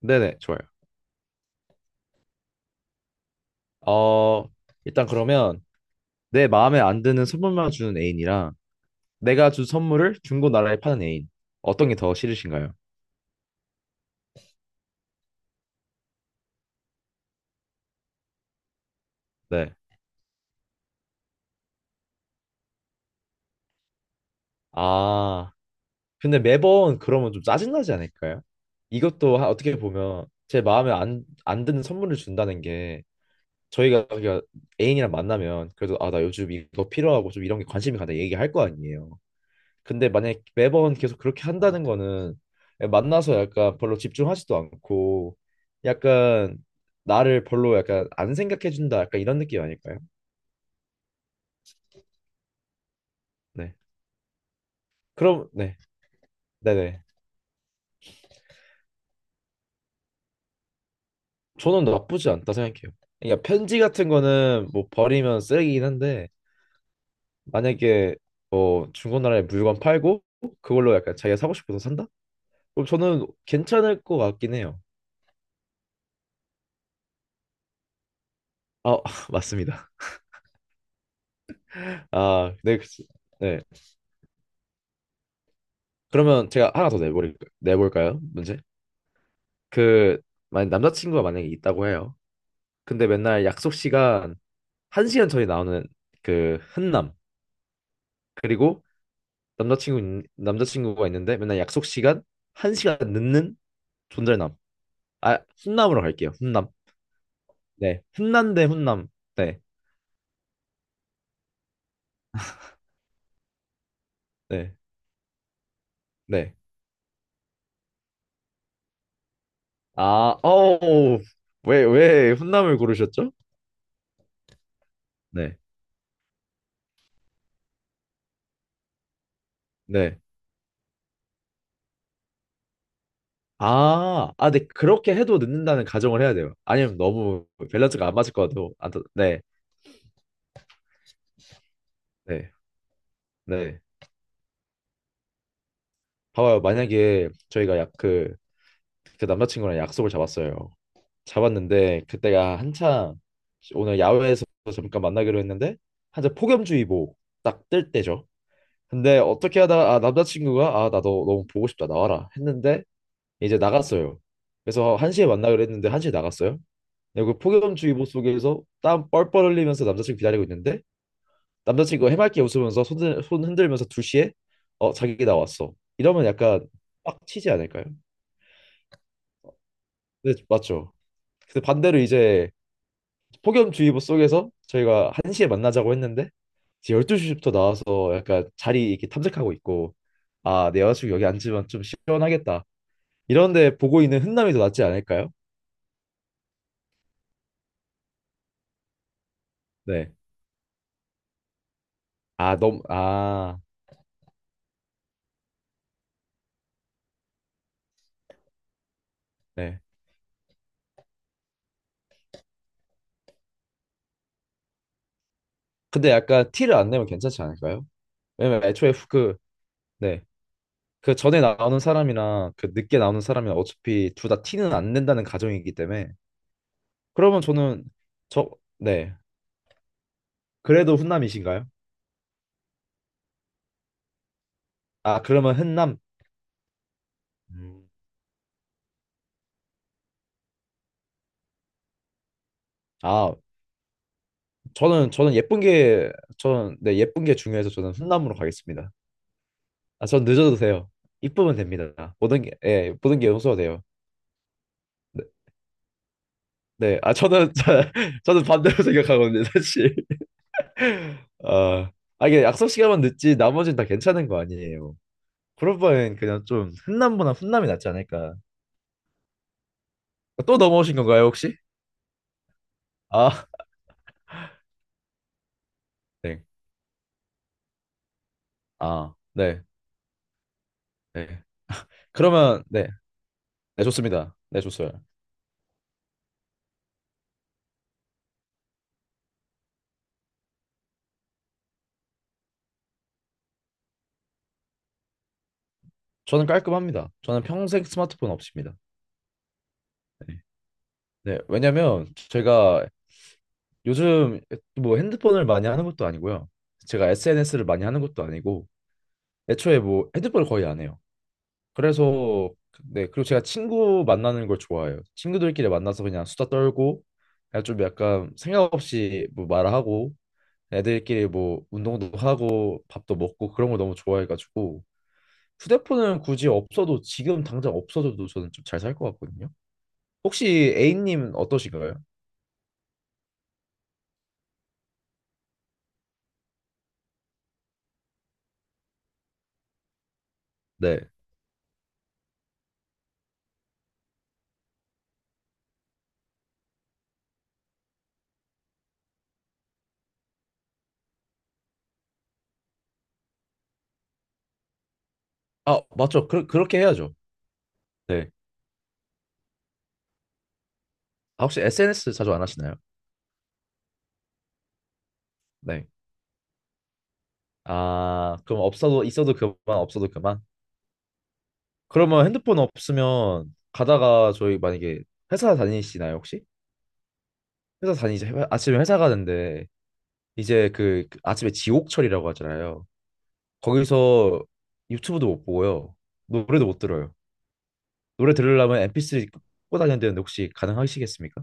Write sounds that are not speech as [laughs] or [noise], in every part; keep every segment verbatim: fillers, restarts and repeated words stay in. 네네, 좋아요. 어, 일단 그러면 내 마음에 안 드는 선물만 주는 애인이랑 내가 준 선물을 중고 나라에 파는 애인. 어떤 게 더 싫으신가요? 네. 아, 근데 매번 그러면 좀 짜증나지 않을까요? 이것도 하- 어떻게 보면 제 마음에 안, 안 드는 선물을 준다는 게 저희가 저희가 애인이랑 만나면 그래도 아, 나 요즘 이거 필요하고 좀 이런 게 관심이 간다 얘기할 거 아니에요. 근데 만약에 매번 계속 그렇게 한다는 거는 만나서 약간 별로 집중하지도 않고 약간 나를 별로 약간 안 생각해 준다 약간 이런 느낌 아닐까요? 네. 그럼 네. 네네. 저는 나쁘지 않다 생각해요. 그러니까 편지 같은 거는 뭐 버리면 쓰레기긴 한데 만약에 뭐 중고나라에 물건 팔고 그걸로 약간 자기가 사고 싶어서 산다? 그럼 저는 괜찮을 것 같긴 해요. 아, [laughs] 맞습니다. 아, 네. 그치. 네. 그러면 제가 하나 더 내볼, 내볼까요? 문제? 그, 만약 남자친구가 만약에 있다고 해요. 근데 맨날 약속 시간 한 시간 전에 나오는 그 흔남. 그리고 남자친구, 있- 남자친구가 있는데 맨날 약속 시간 한 시간 늦는 존잘남. 아, 훈남으로 갈게요. 훈남. 네. 훈남 대 훈남. 네. 네. 네. 아, 어우. 왜, 왜 훈남을 고르셨죠? 네. 네. 아, 아, 근데 그렇게 해도 늦는다는 가정을 해야 돼요. 아니면 너무 밸런스가 안 맞을 것 같아요. 안, 또- 네, 네, 네. 봐봐요. 만약에 저희가 약 그, 그 남자친구랑 약속을 잡았어요. 잡았는데 그때가 한창 오늘 야외에서 잠깐 만나기로 했는데 한창 폭염주의보 딱 뜰 때죠. 근데 어떻게 하다가 아, 남자친구가 아, 나 너 너무 보고 싶다 나와라 했는데 이제 나갔어요. 그래서 한 시에 만나기로 했는데 한 시에 나갔어요. 그리고 폭염주의보 속에서 땀 뻘뻘 흘리면서 남자친구 기다리고 있는데 남자친구가 해맑게 웃으면서 손, 흔들- 손 흔들면서 두 시에 어 자기 나왔어. 이러면 약간 빡치지 않을까요? 네, 맞죠. 근데 반대로 이제 폭염주의보 속에서 저희가 한 시에 만나자고 했는데 이제 열두 시부터 나와서 약간 자리 이렇게 탐색하고 있고 아, 내 여자친구 여기 앉으면 좀 시원하겠다. 이런데 보고 있는 훈남이 더 낫지 않을까요? 네. 아, 너무, 아, 네. 근데 약간 티를 안 내면 괜찮지 않을까요? 왜냐면 애초에 후- 그, 네. 그 전에 나오는 사람이랑 그 늦게 나오는 사람이랑 어차피 둘 다 티는 안 낸다는 가정이기 때문에. 그러면 저는, 저, 네. 그래도 훈남이신가요? 아, 그러면 훈남. 음. 아, 저는, 저는 예쁜 게, 저는, 네, 예쁜 게 중요해서 저는 훈남으로 가겠습니다. 아, 전 늦어도 돼요. 이쁘면 됩니다. 모든 게, 예, 모든 게 용서가 돼요. 네, 네. 아, 저는, [laughs] 저는 반대로 생각하거든요, 사실. 아, 아, 이게 약속 시간만 늦지 나머지는 다 괜찮은 거 아니에요. 그럴 바엔 그냥 좀 훈남보다 훈남이 낫지 않을까. 또 넘어오신 건가요, 혹시? 아, 네. 아, 네. 네. 그러면 네. 네, 좋습니다. 네, 좋습니다. 저는 깔끔합니다. 저는 평생 스마트폰 없습니다. 네. 네, 왜냐면 제가 요즘 뭐 핸드폰을 많이 하는 것도 아니고요. 제가 에스엔에스를 많이 하는 것도 아니고 애초에 뭐 핸드폰을 거의 안 해요. 그래서 네 그리고 제가 친구 만나는 걸 좋아해요. 친구들끼리 만나서 그냥 수다 떨고 그냥 좀 약간 생각 없이 뭐 말하고 애들끼리 뭐 운동도 하고 밥도 먹고 그런 걸 너무 좋아해가지고 휴대폰은 굳이 없어도 지금 당장 없어져도 저는 좀 잘 살 것 같거든요. 혹시 A님 어떠신가요? 네. 아 맞죠. 그, 그렇게 해야죠. 네. 아 혹시 에스엔에스 자주 안 하시나요? 네. 아 그럼 없어도 있어도 그만 없어도 그만. 그러면 핸드폰 없으면 가다가 저희 만약에 회사 다니시나요, 혹시? 회사 다니지 회- 아침에 회사 가는데 이제 그, 그 아침에 지옥철이라고 하잖아요. 거기서 유튜브도 못 보고요. 노래도 못 들어요. 노래 들으려면 엠피쓰리 꽂고 다녀야 되는데 혹시 가능하시겠습니까?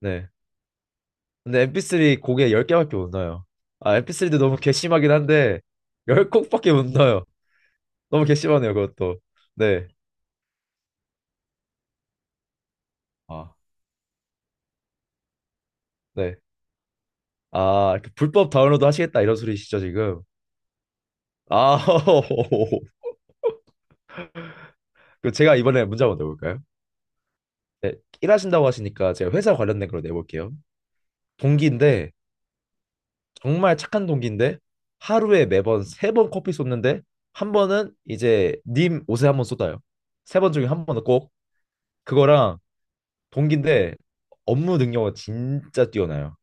네. 근데 엠피쓰리 곡에 열 개밖에 못 넣어요. 아, 엠피쓰리도 너무 괘씸하긴 한데 열 곡밖에 못 넣어요. 너무 괘씸하네요, 그것도. 네. 아, 네. 아, 이렇게 불법 다운로드 하시겠다 이런 소리시죠, 지금? 아, [laughs] 그 제가 이번에 문제 한번 내볼까요? 네, 일하신다고 하시니까 제가 회사 관련된 걸로 내볼게요. 동기인데 정말 착한 동기인데 하루에 매번 세 번 커피 쏟는데 한 번은 이제 님 옷에 한번 쏟아요. 세 번 중에 한 번은 꼭 그거랑 동기인데 업무 능력은 진짜 뛰어나요.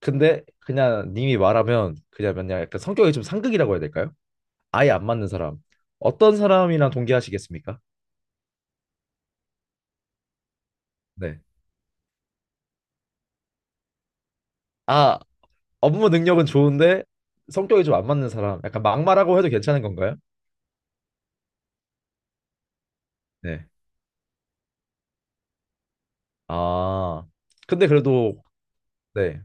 근데 그냥 님이 말하면 그냥 그냥 약간 성격이 좀 상극이라고 해야 될까요? 아예 안 맞는 사람. 어떤 사람이랑 동기하시겠습니까? 네. 아, 업무 능력은 좋은데 성격이 좀 안 맞는 사람. 약간 막말하고 해도 괜찮은 건가요? 네. 아, 근데 그래도 네.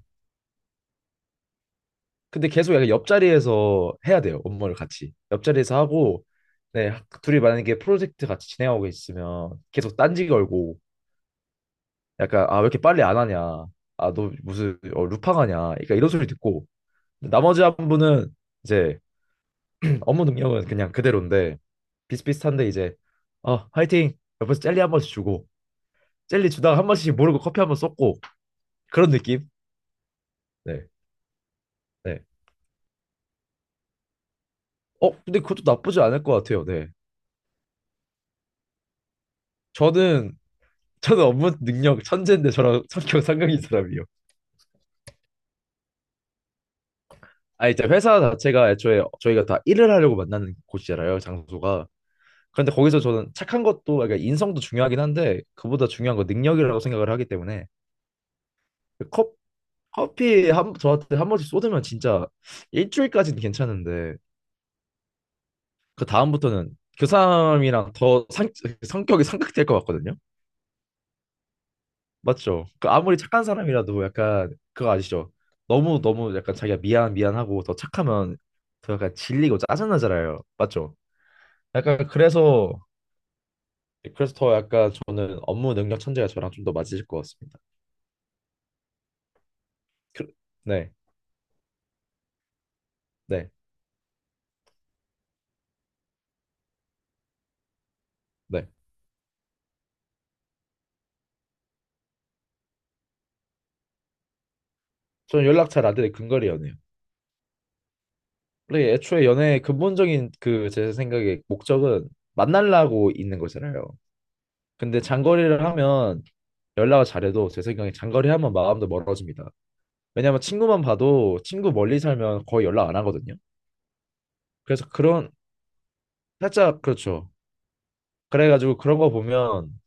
근데 계속 약간 옆자리에서 해야 돼요. 업무를 같이. 옆자리에서 하고 네, 둘이 만약에 프로젝트 같이 진행하고 있으면 계속 딴지 걸고 약간 아, 왜 이렇게 빨리 안 하냐. 아, 너 무슨 어, 루팡하냐. 그러니까 이런 소리 듣고 나머지 한 분은 이제 [clears throat] 업무 능력은 그냥 그대로인데 비슷비슷한데 이제 어, 화이팅. 옆에서 젤리 한 번씩 주고 젤리 주다가 한 번씩 모르고 커피 한 번 쏟고 그런 느낌? 네. 네. 어, 근데 그것도 나쁘지 않을 것 같아요. 네. 저는 저는 업무 능력 천재인데 저랑 성격 상극인 사람이요. 아, 이제 회사 자체가 애초에 저희가 다 일을 하려고 만나는 곳이잖아요, 장소가. 그런데 거기서 저는 착한 것도 그러니까 인성도 중요하긴 한데 그보다 중요한 건 능력이라고 생각을 하기 때문에 컵 커피 한 저한테 한 번씩 쏟으면 진짜 일주일까지는 괜찮은데 그 다음부터는 그 사람이랑 더 상, 성격이 상극될 것 같거든요. 맞죠? 그 아무리 착한 사람이라도 약간 그거 아시죠? 너무 너무 약간 자기가 미안 미안하고 더 착하면 더 약간 질리고 짜증나잖아요. 맞죠? 약간 그래서 그래서 더 약간 저는 업무 능력 천재가 저랑 좀 더 맞으실 것 같습니다. 그, 네, 네, 네. 저는 연락 잘 안 되는 근거리 연애요. 원래 애초에 연애의 근본적인 그 제 생각에 목적은 만나려고 있는 거잖아요. 근데 장거리를 하면 연락을 잘해도 제 생각에 장거리 하면 마음도 멀어집니다. 왜냐면 친구만 봐도 친구 멀리 살면 거의 연락 안 하거든요. 그래서 그런 살짝 그렇죠. 그래가지고 그런 거 보면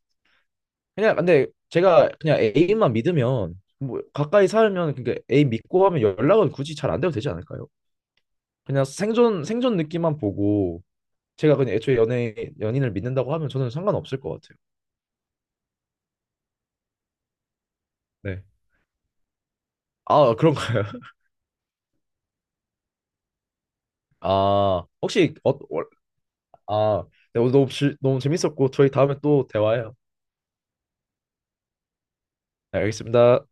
그냥 근데 제가 그냥 애인만 믿으면 뭐 가까이 살면 그러니까 애인 믿고 하면 연락은 굳이 잘 안 돼도 되지 않을까요? 그냥 생존 생존 느낌만 보고 제가 그냥 애초에 연애 연인을 믿는다고 하면 저는 상관없을 것 같아요. 네. 아 그런가요? [laughs] 아 혹시 어, 월- 아 네, 오늘 너무 즐- 너무 재밌었고 저희 다음에 또 대화해요. 네, 알겠습니다.